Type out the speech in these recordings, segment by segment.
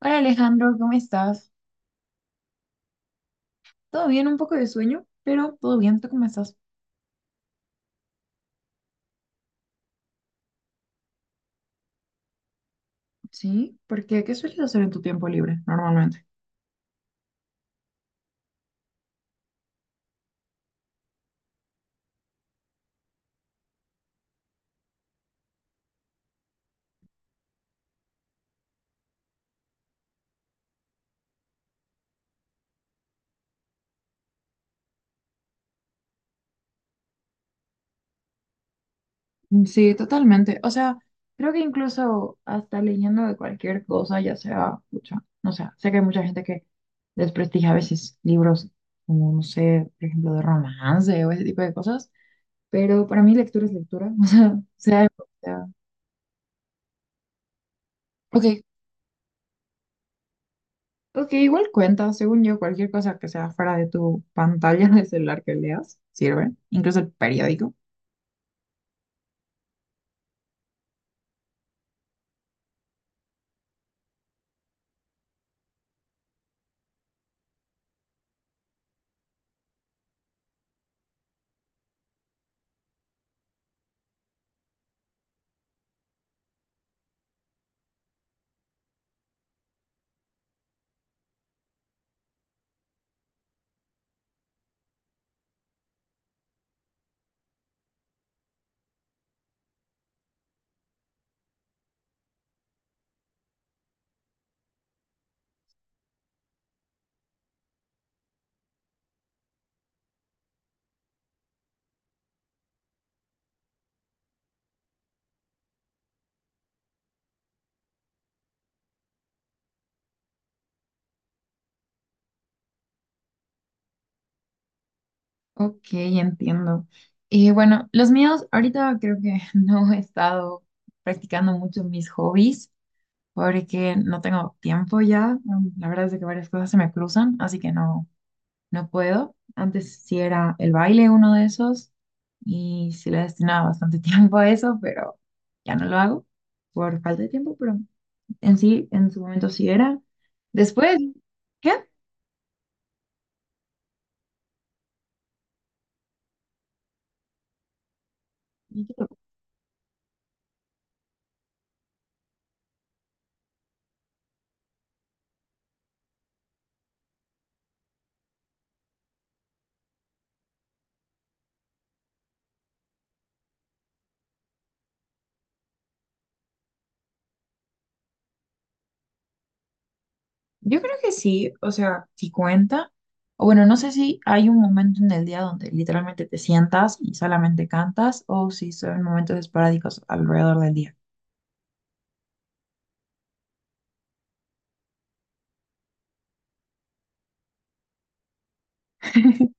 Hola Alejandro, ¿cómo estás? Todo bien, un poco de sueño, pero todo bien, ¿tú cómo estás? Sí, porque ¿qué sueles hacer en tu tiempo libre normalmente? Mm, sí, totalmente. O sea, creo que incluso hasta leyendo de cualquier cosa, ya sea, escucha, no sé, sé que hay mucha gente que desprestigia a veces libros como, no sé, por ejemplo, de romance o ese tipo de cosas, pero para mí lectura es lectura, o sea, lo que sea. Ok, ok, igual cuenta, según yo, cualquier cosa que sea fuera de tu pantalla de celular que leas, sirve, incluso el periódico. Ok, entiendo. Y bueno, los míos, ahorita creo que no he estado practicando mucho mis hobbies porque no tengo tiempo ya. La verdad es de que varias cosas se me cruzan, así que no, no puedo. Antes sí era el baile uno de esos y sí le destinaba bastante tiempo a eso, pero ya no lo hago por falta de tiempo, pero en sí, en su momento sí era. Después, ¿qué? Yo creo que sí, o sea, si cuenta, o bueno, no sé si hay un momento en el día donde literalmente te sientas y solamente cantas, o si son momentos esporádicos alrededor del día.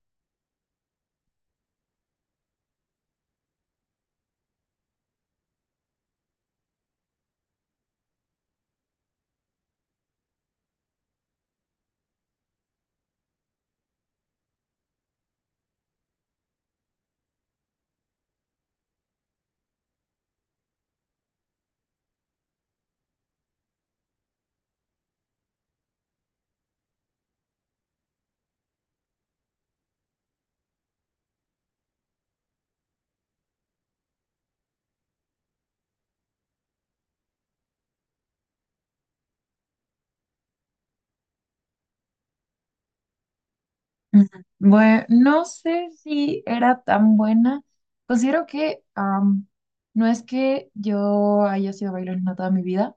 Ujú. Bueno, no sé si era tan buena. Considero que no es que yo haya sido bailarina toda mi vida,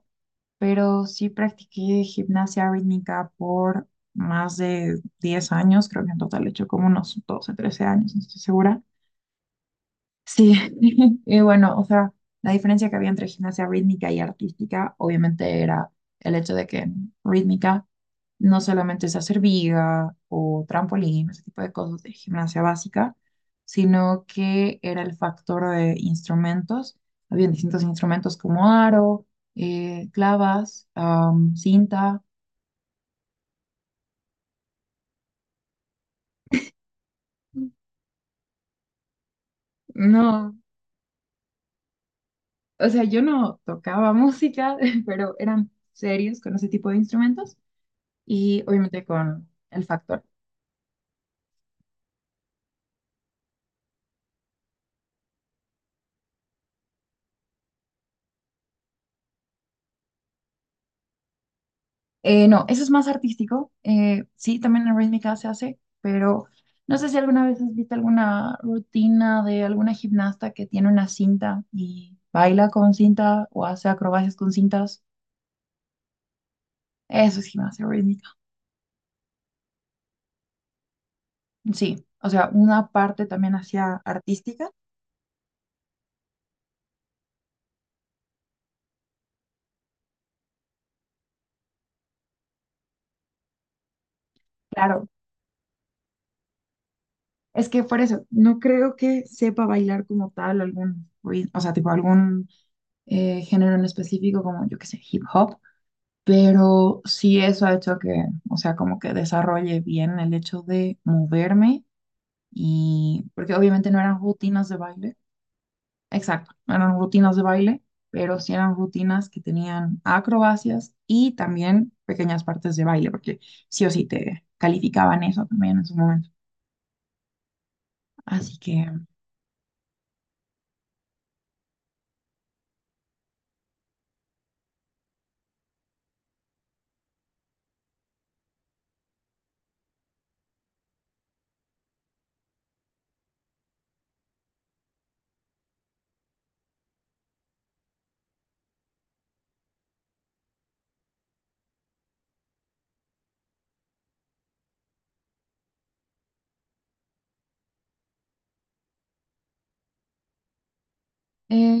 pero sí practiqué gimnasia rítmica por más de 10 años. Creo que en total he hecho como unos 12, 13 años, no estoy segura. Sí, y bueno, o sea, la diferencia que había entre gimnasia rítmica y artística, obviamente era el hecho de que en rítmica no solamente es hacer viga o trampolín, ese tipo de cosas de gimnasia básica, sino que era el factor de instrumentos. Habían distintos instrumentos como aro, clavas, cinta. No, o sea, yo no tocaba música, pero eran serios con ese tipo de instrumentos y obviamente con el factor. No, eso es más artístico. Sí, también en rítmica se hace, pero no sé si alguna vez has visto alguna rutina de alguna gimnasta que tiene una cinta y baila con cinta o hace acrobacias con cintas. Eso es gimnasia rítmica. Sí, o sea, una parte también hacia artística. Claro, es que por eso no creo que sepa bailar como tal algún o sea, tipo algún género en específico como yo que sé, hip hop. Pero sí eso ha hecho que, o sea, como que desarrolle bien el hecho de moverme y, porque obviamente no eran rutinas de baile, exacto, no eran rutinas de baile, pero sí eran rutinas que tenían acrobacias y también pequeñas partes de baile, porque sí o sí te calificaban eso también en su momento. Así que, eh,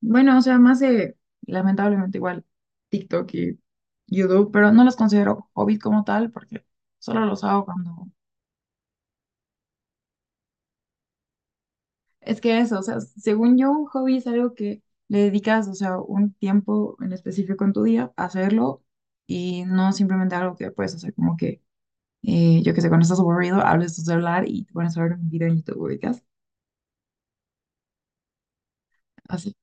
bueno, o sea, más de, lamentablemente igual, TikTok y YouTube, pero no los considero hobbies como tal, porque solo los hago cuando. Es que eso, o sea, según yo, un hobby es algo que le dedicas, o sea, un tiempo en específico en tu día a hacerlo y no simplemente algo que puedes hacer como que, yo qué sé, cuando estás aburrido, hables tu celular y te pones a ver un video en YouTube, ubicas. Así.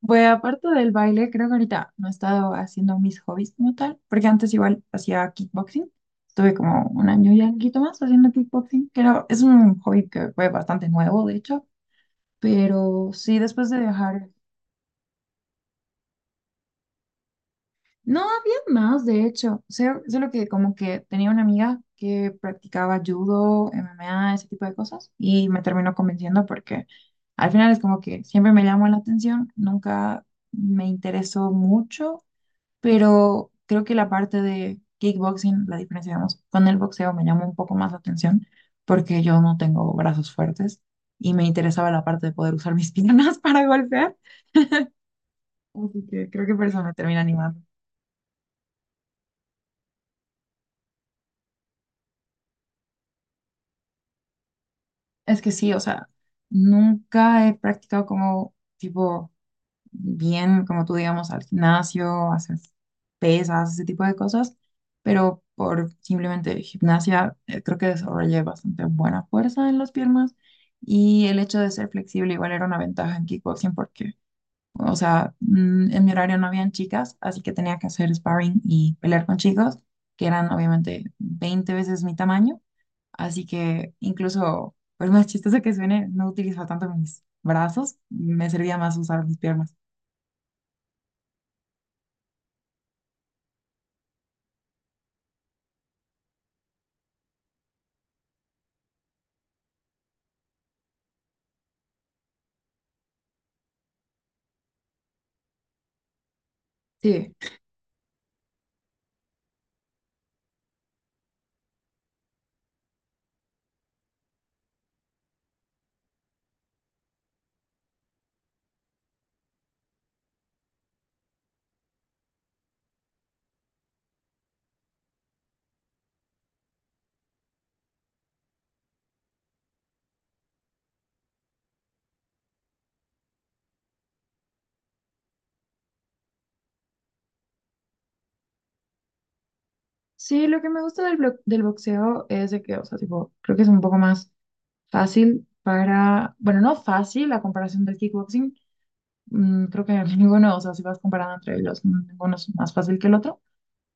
Pues aparte del baile, creo que ahorita no he estado haciendo mis hobbies como tal, porque antes igual hacía kickboxing. Estuve como un año ya, un poquito más, haciendo kickboxing, que es un hobby que fue bastante nuevo, de hecho. Pero sí, después de dejar. No, había más, de hecho. O sea, solo que como que tenía una amiga que practicaba judo, MMA, ese tipo de cosas, y me terminó convenciendo porque al final es como que siempre me llamó la atención, nunca me interesó mucho, pero creo que la parte de kickboxing, la diferencia, digamos, con el boxeo me llamó un poco más la atención porque yo no tengo brazos fuertes y me interesaba la parte de poder usar mis piernas para golpear. Así que creo que por eso me termina animando. Es que sí, o sea, nunca he practicado como tipo bien, como tú digamos, al gimnasio, hacer pesas, ese tipo de cosas, pero por simplemente gimnasia creo que desarrollé bastante buena fuerza en las piernas y el hecho de ser flexible igual era una ventaja en kickboxing porque, o sea, en mi horario no habían chicas, así que tenía que hacer sparring y pelear con chicos que eran obviamente 20 veces mi tamaño. Así que incluso, por más chistoso que suene, no utilizaba tanto mis brazos, me servía más usar mis piernas. Sí. Sí, lo que me gusta del boxeo es de que, o sea, tipo, creo que es un poco más fácil para, bueno, no fácil la comparación del kickboxing. Creo que ninguno, o sea, si vas comparando entre ellos, ninguno es más fácil que el otro.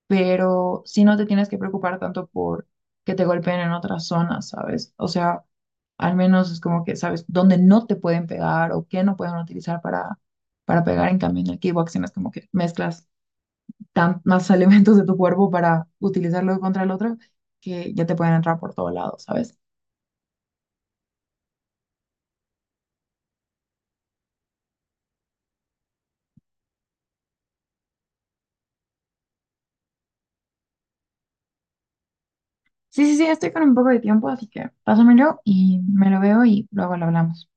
Pero sí no te tienes que preocupar tanto por que te golpeen en otras zonas, ¿sabes? O sea, al menos es como que sabes dónde no te pueden pegar o qué no pueden utilizar para, pegar. En cambio, en el kickboxing es como que mezclas más elementos de tu cuerpo para utilizarlo contra el otro que ya te pueden entrar por todos lados, ¿sabes? Sí, sí, sí, estoy con un poco de tiempo, así que pásamelo y me lo veo y luego lo hablamos.